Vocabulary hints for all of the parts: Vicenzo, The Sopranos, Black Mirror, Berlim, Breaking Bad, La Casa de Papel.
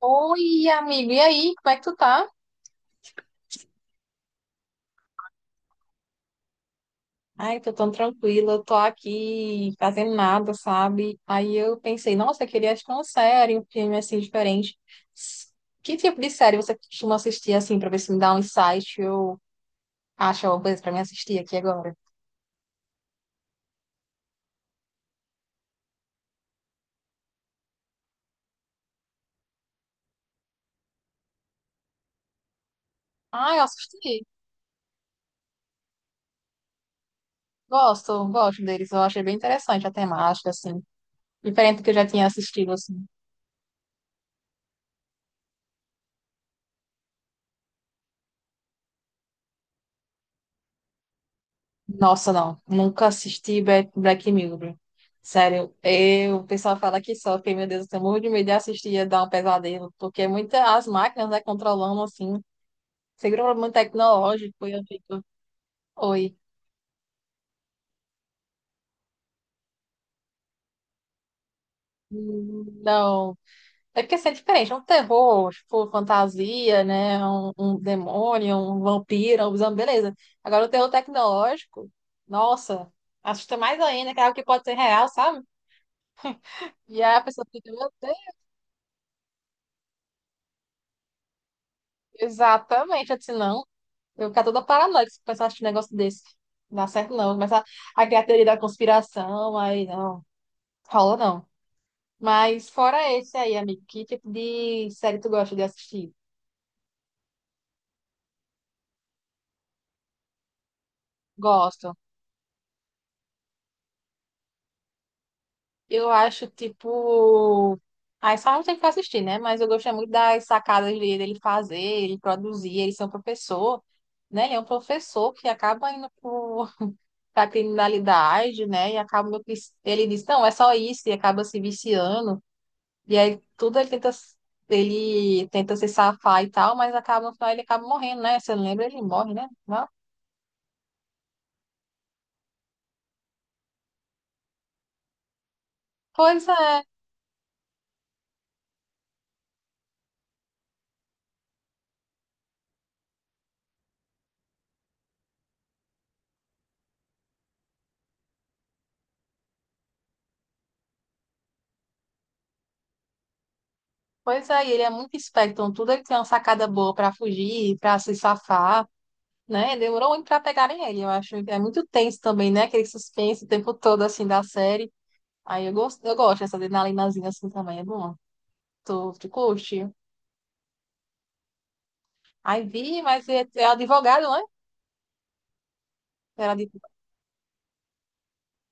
Oi, amigo, e aí, como é que tu tá? Ai, tô tão tranquila, eu tô aqui fazendo nada, sabe? Aí eu pensei, nossa, eu queria assistir uma série, um filme assim diferente. S- Que tipo de série você costuma assistir assim, pra ver se me dá um insight, eu acho alguma coisa pra mim assistir aqui agora? Ah, eu assisti, gosto, gosto deles, eu achei bem interessante a temática, assim, diferente do que eu já tinha assistido, assim. Nossa, não. Nunca assisti Black Mirror. Sério, eu, o pessoal fala que sofre, meu Deus, eu tenho muito de medo de assistir e dar um pesadelo, porque muitas as máquinas, né, controlando, assim, seguro muito tecnológico, e eu fico, oi, não. É porque assim, é diferente, é um terror, tipo, fantasia, né, um demônio, um vampiro, um zumbi, beleza. Agora, o terror tecnológico, nossa, assusta mais ainda, que é algo que pode ser real, sabe? E aí a pessoa fica, meu Deus, exatamente, eu disse, não. Eu ficar toda paranoica se começar a assistir um negócio desse. Não dá certo, não. Começa a criar teoria da conspiração, aí não. Rola, não. Mas fora esse aí, amigo, que tipo de série tu gosta de assistir? Gosto. Eu acho, tipo... Aí só não tem que assistir, né? Mas eu gostei muito das sacadas dele fazer, ele produzir, ele ser um professor, né? Ele é um professor que acaba indo por, pra criminalidade, né? E acaba... Ele diz, não, é só isso, e acaba se viciando. E aí tudo ele tenta se safar e tal, mas acaba no final ele acaba morrendo, né? Você lembra? Ele morre, né? Não? Pois é, e ele é muito esperto, então tudo ele tem uma sacada boa pra fugir, pra se safar, né? Demorou muito pra pegarem ele, eu acho. Que É muito tenso também, né? Aquele suspense o tempo todo assim da série. Aí eu gosto dessa adrenalinazinha assim também, é bom. Tu curte? Aí vi, mas é, é advogado, né? Era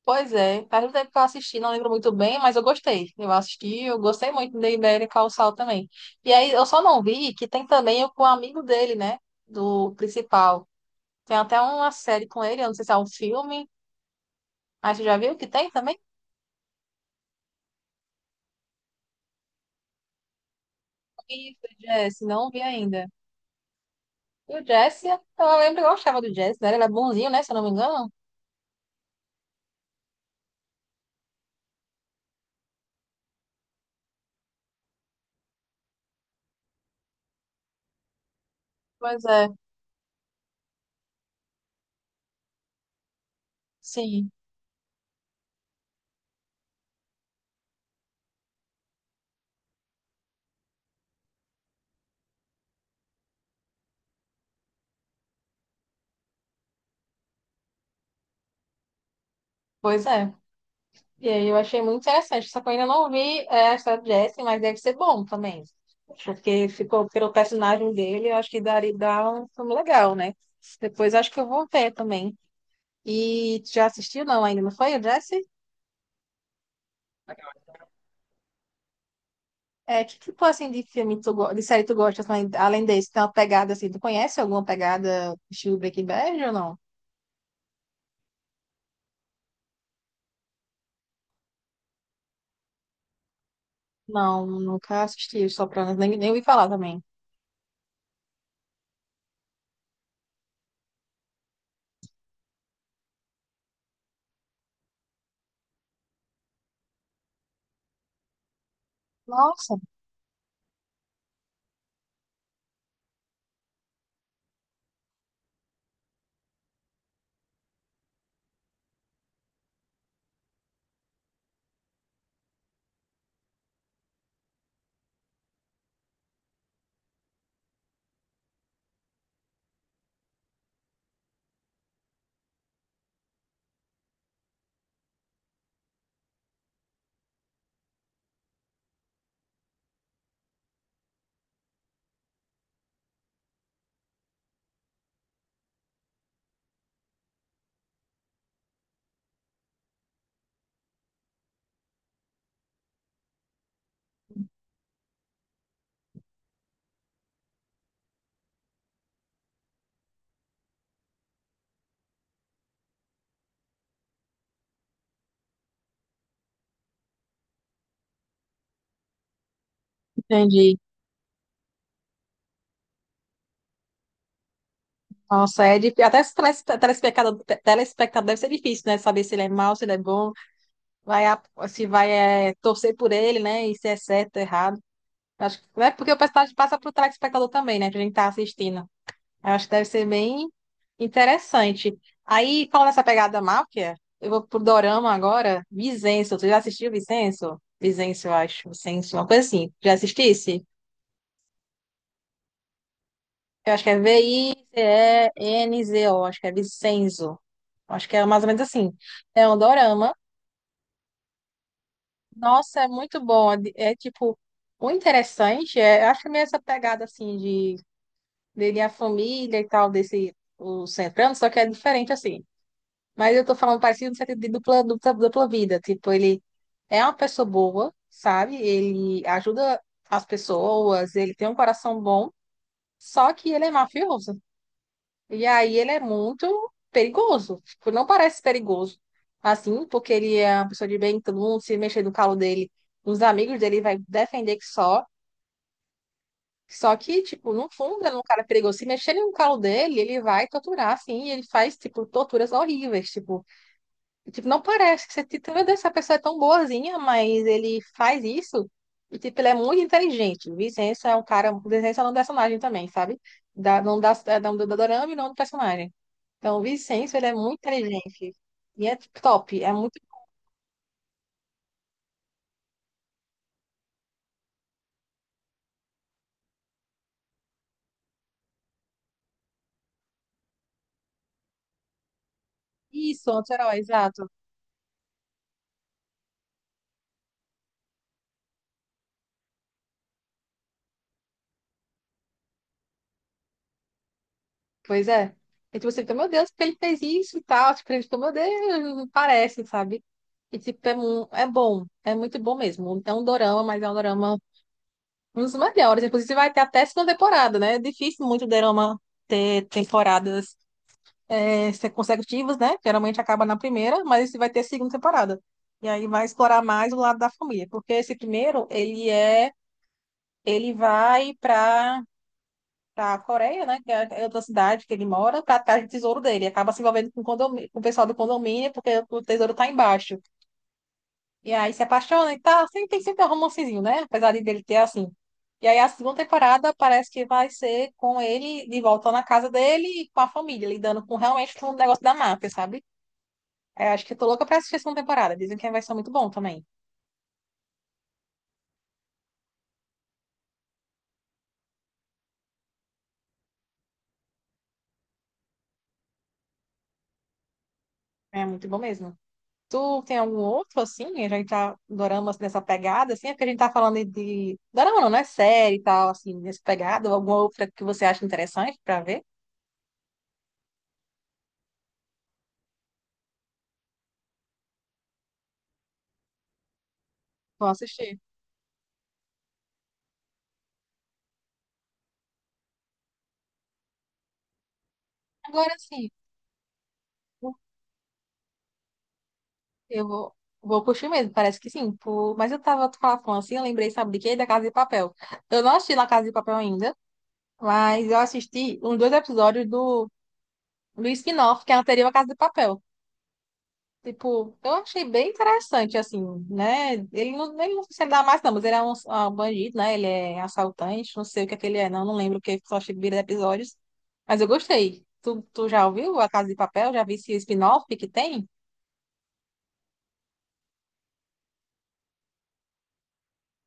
Pois é, faz um tempo que eu assisti, não lembro muito bem, mas eu gostei. Eu assisti, eu gostei muito de Ibérica ao Sal também. E aí eu só não vi que tem também o com o amigo dele, né? Do principal. Tem até uma série com ele, eu não sei se é um filme. Aí você já viu que tem também? Isso, Jesse, não vi ainda. E o Jesse, eu lembro que eu gostava do Jesse, né? Ele é bonzinho, né? Se eu não me engano. Pois é, sim, pois é. E aí eu achei muito interessante. Só que eu ainda não vi é, a história do Jesse, mas deve ser bom também. Porque ficou pelo personagem dele, eu acho que daria dá um filme legal, né? Depois acho que eu vou ver também. E tu já assistiu? Não, ainda não foi, o Jesse? É, que tipo assim de filme tu, de série tu gosta, assim, além desse, tem uma pegada assim, tu conhece alguma pegada estilo Breaking Bad ou não? Não, nunca assisti os Sopranos, nem, nem ouvi falar também. Nossa, entendi. Nossa, é difícil. Até esse telespectador, telespectador deve ser difícil, né? Saber se ele é mau, se ele é bom, vai, se vai é, torcer por ele, né? E se é certo, errado. Acho que é porque o personagem passa para o telespectador também, né? Que a gente tá assistindo. Eu acho que deve ser bem interessante. Aí, falando essa pegada máfia, eu vou pro Dorama agora. Vicenço, tu já assistiu Vicenço? Vicenço, eu acho. Vicenço, uma coisa assim. Já assistisse? Eu acho que é Vicenzo, acho que é Vicenzo. Acho que é mais ou menos assim. É um dorama. Nossa, é muito bom. É, é, tipo, o interessante é, eu acho que é meio essa pegada assim de dele a família e tal, desse o centrando, só que é diferente assim. Mas eu tô falando parecido no sentido de dupla vida. Tipo, ele é uma pessoa boa, sabe? Ele ajuda as pessoas, ele tem um coração bom, só que ele é mafioso. E aí ele é muito perigoso. Tipo, não parece perigoso. Assim, porque ele é uma pessoa de bem, todo mundo se mexer no calo dele, os amigos dele vai defender que só. Só que, tipo, no fundo, ele é um cara perigoso. Se mexer no calo dele, ele vai torturar, assim, e ele faz, tipo, torturas horríveis, tipo. E, tipo, não parece que você, tipo, meu Deus, essa pessoa é tão boazinha, mas ele faz isso. E, tipo, ele é muito inteligente. Vicença é um cara, Vicença é um personagem também, sabe? Da, não da, da, da, do dorama e não do personagem. Então, o Vicenço, ele é muito inteligente. E é top. É muito. Isso, anti-herói, exato. Pois é. E tipo, você fica, meu Deus, porque ele fez isso e tal. Tipo, ele fica, meu Deus, não parece, sabe? E tipo, é, é bom. É muito bom mesmo. É um dorama, mas é um dorama um dos melhores. Inclusive, vai ter até segunda temporada, né? É difícil muito dorama ter temporadas é, ser consecutivas, né? Geralmente acaba na primeira, mas esse vai ter segunda temporada. E aí vai explorar mais o lado da família. Porque esse primeiro, ele é Ele vai para a Coreia, né? Que é é outra cidade que ele mora, para atrás do tesouro dele. Acaba se envolvendo com, o com o pessoal do condomínio, porque o tesouro tá embaixo. E aí se apaixona e tá. Sempre, tem sempre um romancezinho, né? Apesar de dele ter assim. E aí a segunda temporada parece que vai ser com ele de volta na casa dele e com a família, lidando com realmente com o negócio da máfia, sabe? É, acho que eu tô louca pra assistir a segunda temporada. Dizem que vai ser muito bom também. É muito bom mesmo. Tu tem algum outro, assim? A gente tá dorama assim, nessa pegada, assim? É porque a gente tá falando de... Dorama não, não é série e tal, assim, nessa pegada. Ou Alguma outra que você acha interessante pra ver? Vou assistir. Agora, sim, eu vou, vou curtir mesmo, parece que sim. Por... Mas eu tava tu falando assim, eu lembrei, sabe de quê? Da Casa de Papel. Eu não assisti La Casa de Papel ainda, mas eu assisti uns dois episódios do, do spin-off, que é anterior à Casa de Papel. Tipo, eu achei bem interessante, assim, né? Ele não sei se ele dá mais, não, mas ele é um bandido, né? Ele é assaltante, não sei o que é que ele é, não, não lembro o que, só achei vira episódios. Mas eu gostei. Tu já ouviu A Casa de Papel? Já vi esse spin-off que tem?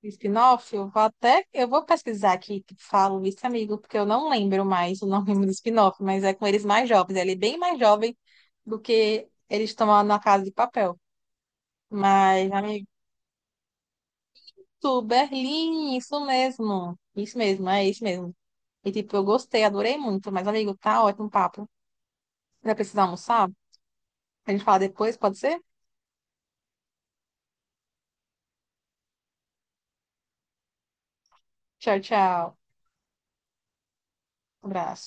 Spin-off? Eu vou até, eu vou pesquisar aqui, que falo isso, amigo, porque eu não lembro mais o nome do spin-off, mas é com eles mais jovens. Ele é bem mais jovem do que eles estão lá na Casa de Papel. Mas, amigo. Isso, Berlim, isso mesmo. Isso mesmo, é isso mesmo. E tipo, eu gostei, adorei muito. Mas, amigo, tá ótimo o papo. Vai precisar almoçar? A gente fala depois, pode ser? Tchau, tchau. Abraço.